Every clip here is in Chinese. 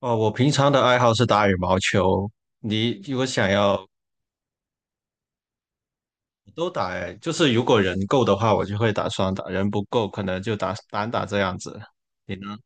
哦，我平常的爱好是打羽毛球。你如果想要，都打诶，就是如果人够的话，我就会打双打；人不够，可能就打单打这样子。你呢？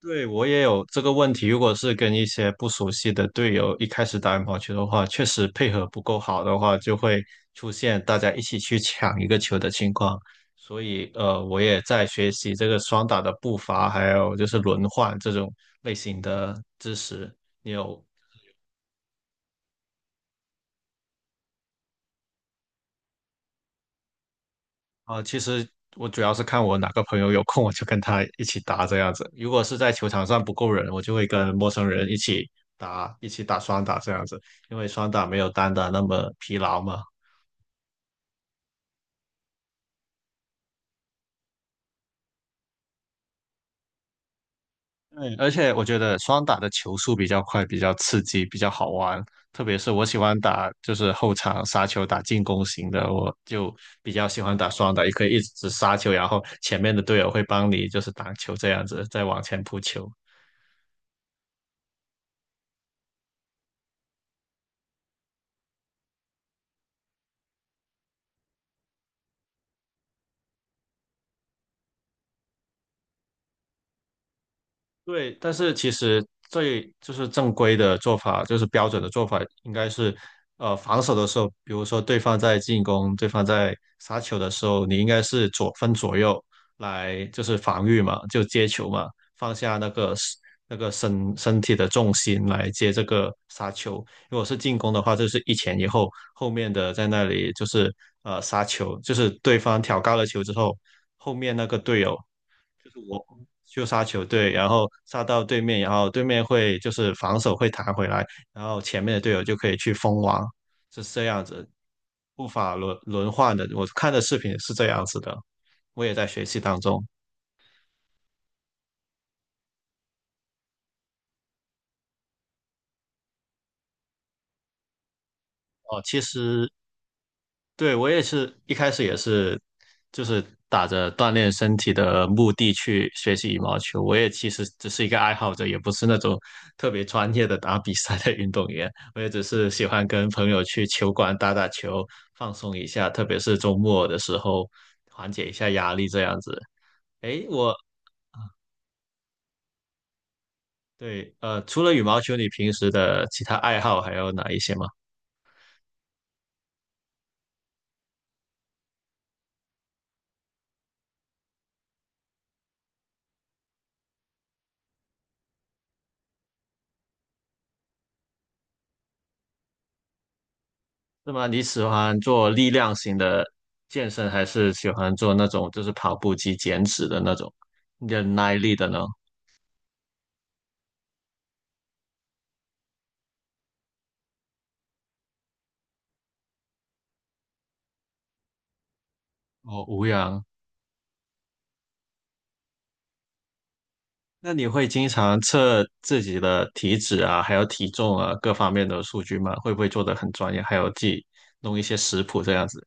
对，我也有这个问题。如果是跟一些不熟悉的队友一开始打羽毛球的话，确实配合不够好的话，就会出现大家一起去抢一个球的情况。所以，我也在学习这个双打的步伐，还有就是轮换这种类型的知识。你有啊、其实我主要是看我哪个朋友有空，我就跟他一起打这样子。如果是在球场上不够人，我就会跟陌生人一起打，一起打双打这样子，因为双打没有单打那么疲劳嘛。对，而且我觉得双打的球速比较快，比较刺激，比较好玩。特别是我喜欢打就是后场杀球打进攻型的，我就比较喜欢打双打，也可以一直杀球，然后前面的队友会帮你就是挡球这样子，再往前扑球。对，但是其实最就是正规的做法，就是标准的做法，应该是，防守的时候，比如说对方在进攻，对方在杀球的时候，你应该是左分左右来就是防御嘛，就接球嘛，放下那个 那个身体的重心来接这个杀球。如果是进攻的话，就是一前一后，后面的在那里就是杀球，就是对方挑高了球之后，后面那个队友。就杀球队，然后杀到对面，然后对面会就是防守会弹回来，然后前面的队友就可以去封网，是这样子，步法轮换的。我看的视频是这样子的，我也在学习当中。哦，其实对，我也是一开始也是，就是打着锻炼身体的目的去学习羽毛球。我也其实只是一个爱好者，也不是那种特别专业的打比赛的运动员。我也只是喜欢跟朋友去球馆打打球，放松一下，特别是周末的时候，缓解一下压力这样子。诶，我对，除了羽毛球，你平时的其他爱好还有哪一些吗？那么你喜欢做力量型的健身，还是喜欢做那种就是跑步机减脂的那种忍耐力的呢？哦，无氧。那你会经常测自己的体脂啊，还有体重啊，各方面的数据吗？会不会做得很专业？还有自己弄一些食谱这样子？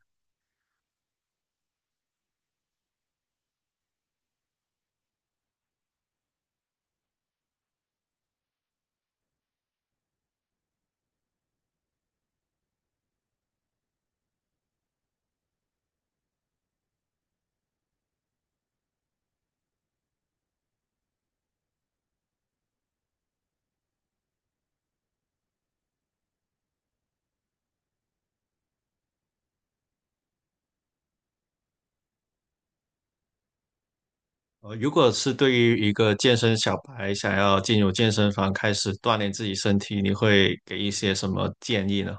如果是对于一个健身小白想要进入健身房开始锻炼自己身体，你会给一些什么建议呢？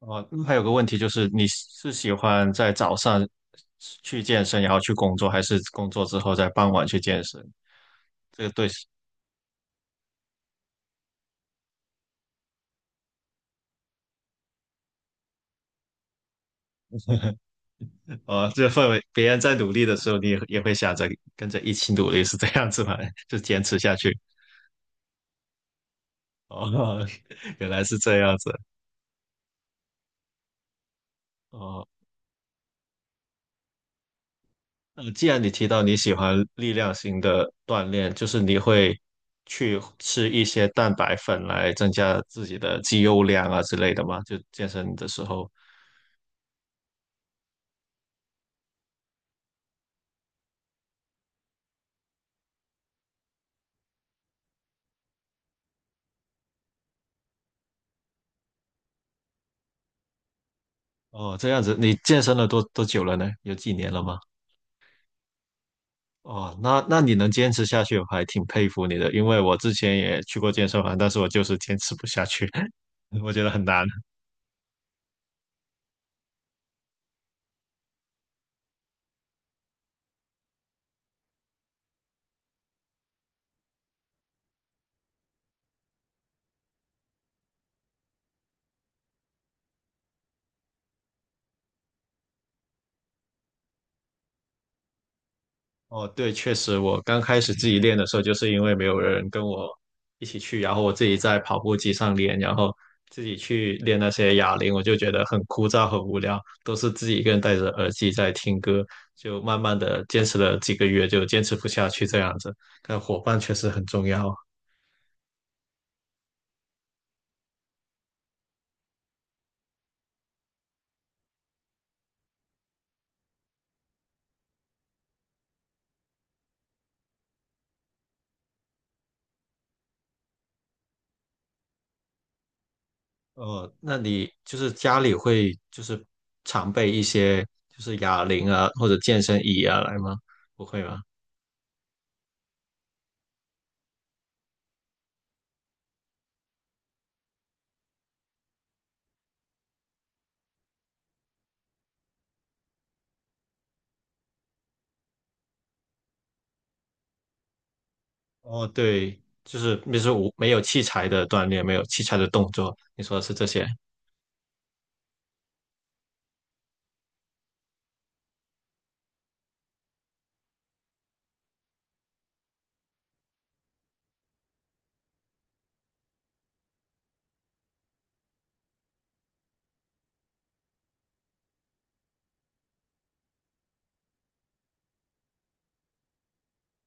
哦，还有个问题就是，你是喜欢在早上去健身，然后去工作，还是工作之后在傍晚去健身？这个对，哦，这个氛围，别人在努力的时候，你也也会想着跟着一起努力，是这样子吗？就坚持下去。哦，原来是这样子。哦，那既然你提到你喜欢力量型的锻炼，就是你会去吃一些蛋白粉来增加自己的肌肉量啊之类的吗？就健身的时候。哦，这样子，你健身了多久了呢？有几年了吗？哦，那那你能坚持下去，我还挺佩服你的。因为我之前也去过健身房，但是我就是坚持不下去，我觉得很难。哦，对，确实，我刚开始自己练的时候，就是因为没有人跟我一起去，然后我自己在跑步机上练，然后自己去练那些哑铃，我就觉得很枯燥、很无聊，都是自己一个人戴着耳机在听歌，就慢慢的坚持了几个月，就坚持不下去这样子。但伙伴确实很重要。哦，那你就是家里会就是常备一些就是哑铃啊或者健身椅啊来吗？不会吗？哦，对，就是就是无没有器材的锻炼，没有器材的动作，你说的是这些。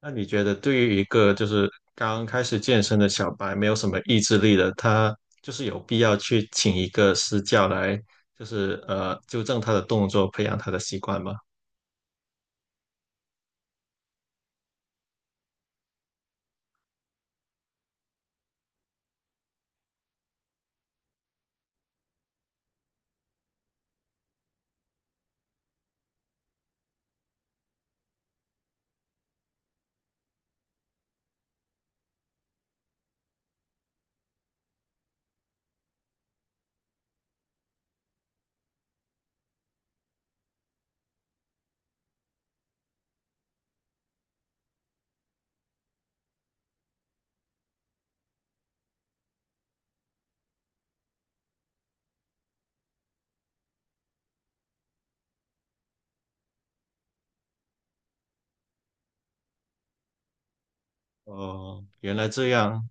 那你觉得对于一个就是刚开始健身的小白，没有什么意志力的，他就是有必要去请一个私教来，就是纠正他的动作，培养他的习惯吗？哦，原来这样。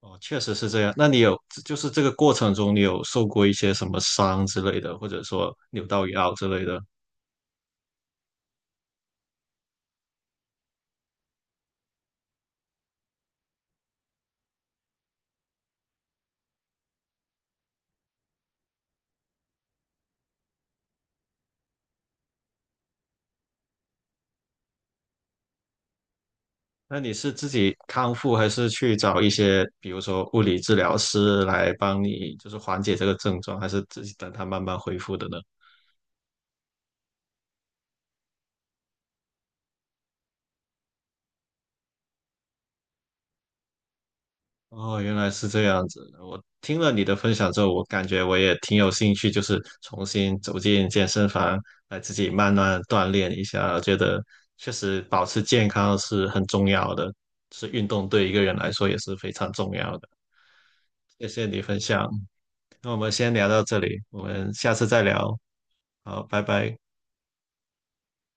哦，确实是这样。那你有，就是这个过程中，你有受过一些什么伤之类的，或者说扭到腰之类的？那你是自己康复，还是去找一些，比如说物理治疗师来帮你，就是缓解这个症状，还是自己等它慢慢恢复的呢？哦，原来是这样子。我听了你的分享之后，我感觉我也挺有兴趣，就是重新走进健身房，来自己慢慢锻炼一下。我觉得确实保持健康是很重要的，是运动对一个人来说也是非常重要的。谢谢你分享，那我们先聊到这里，我们下次再聊。好，拜拜。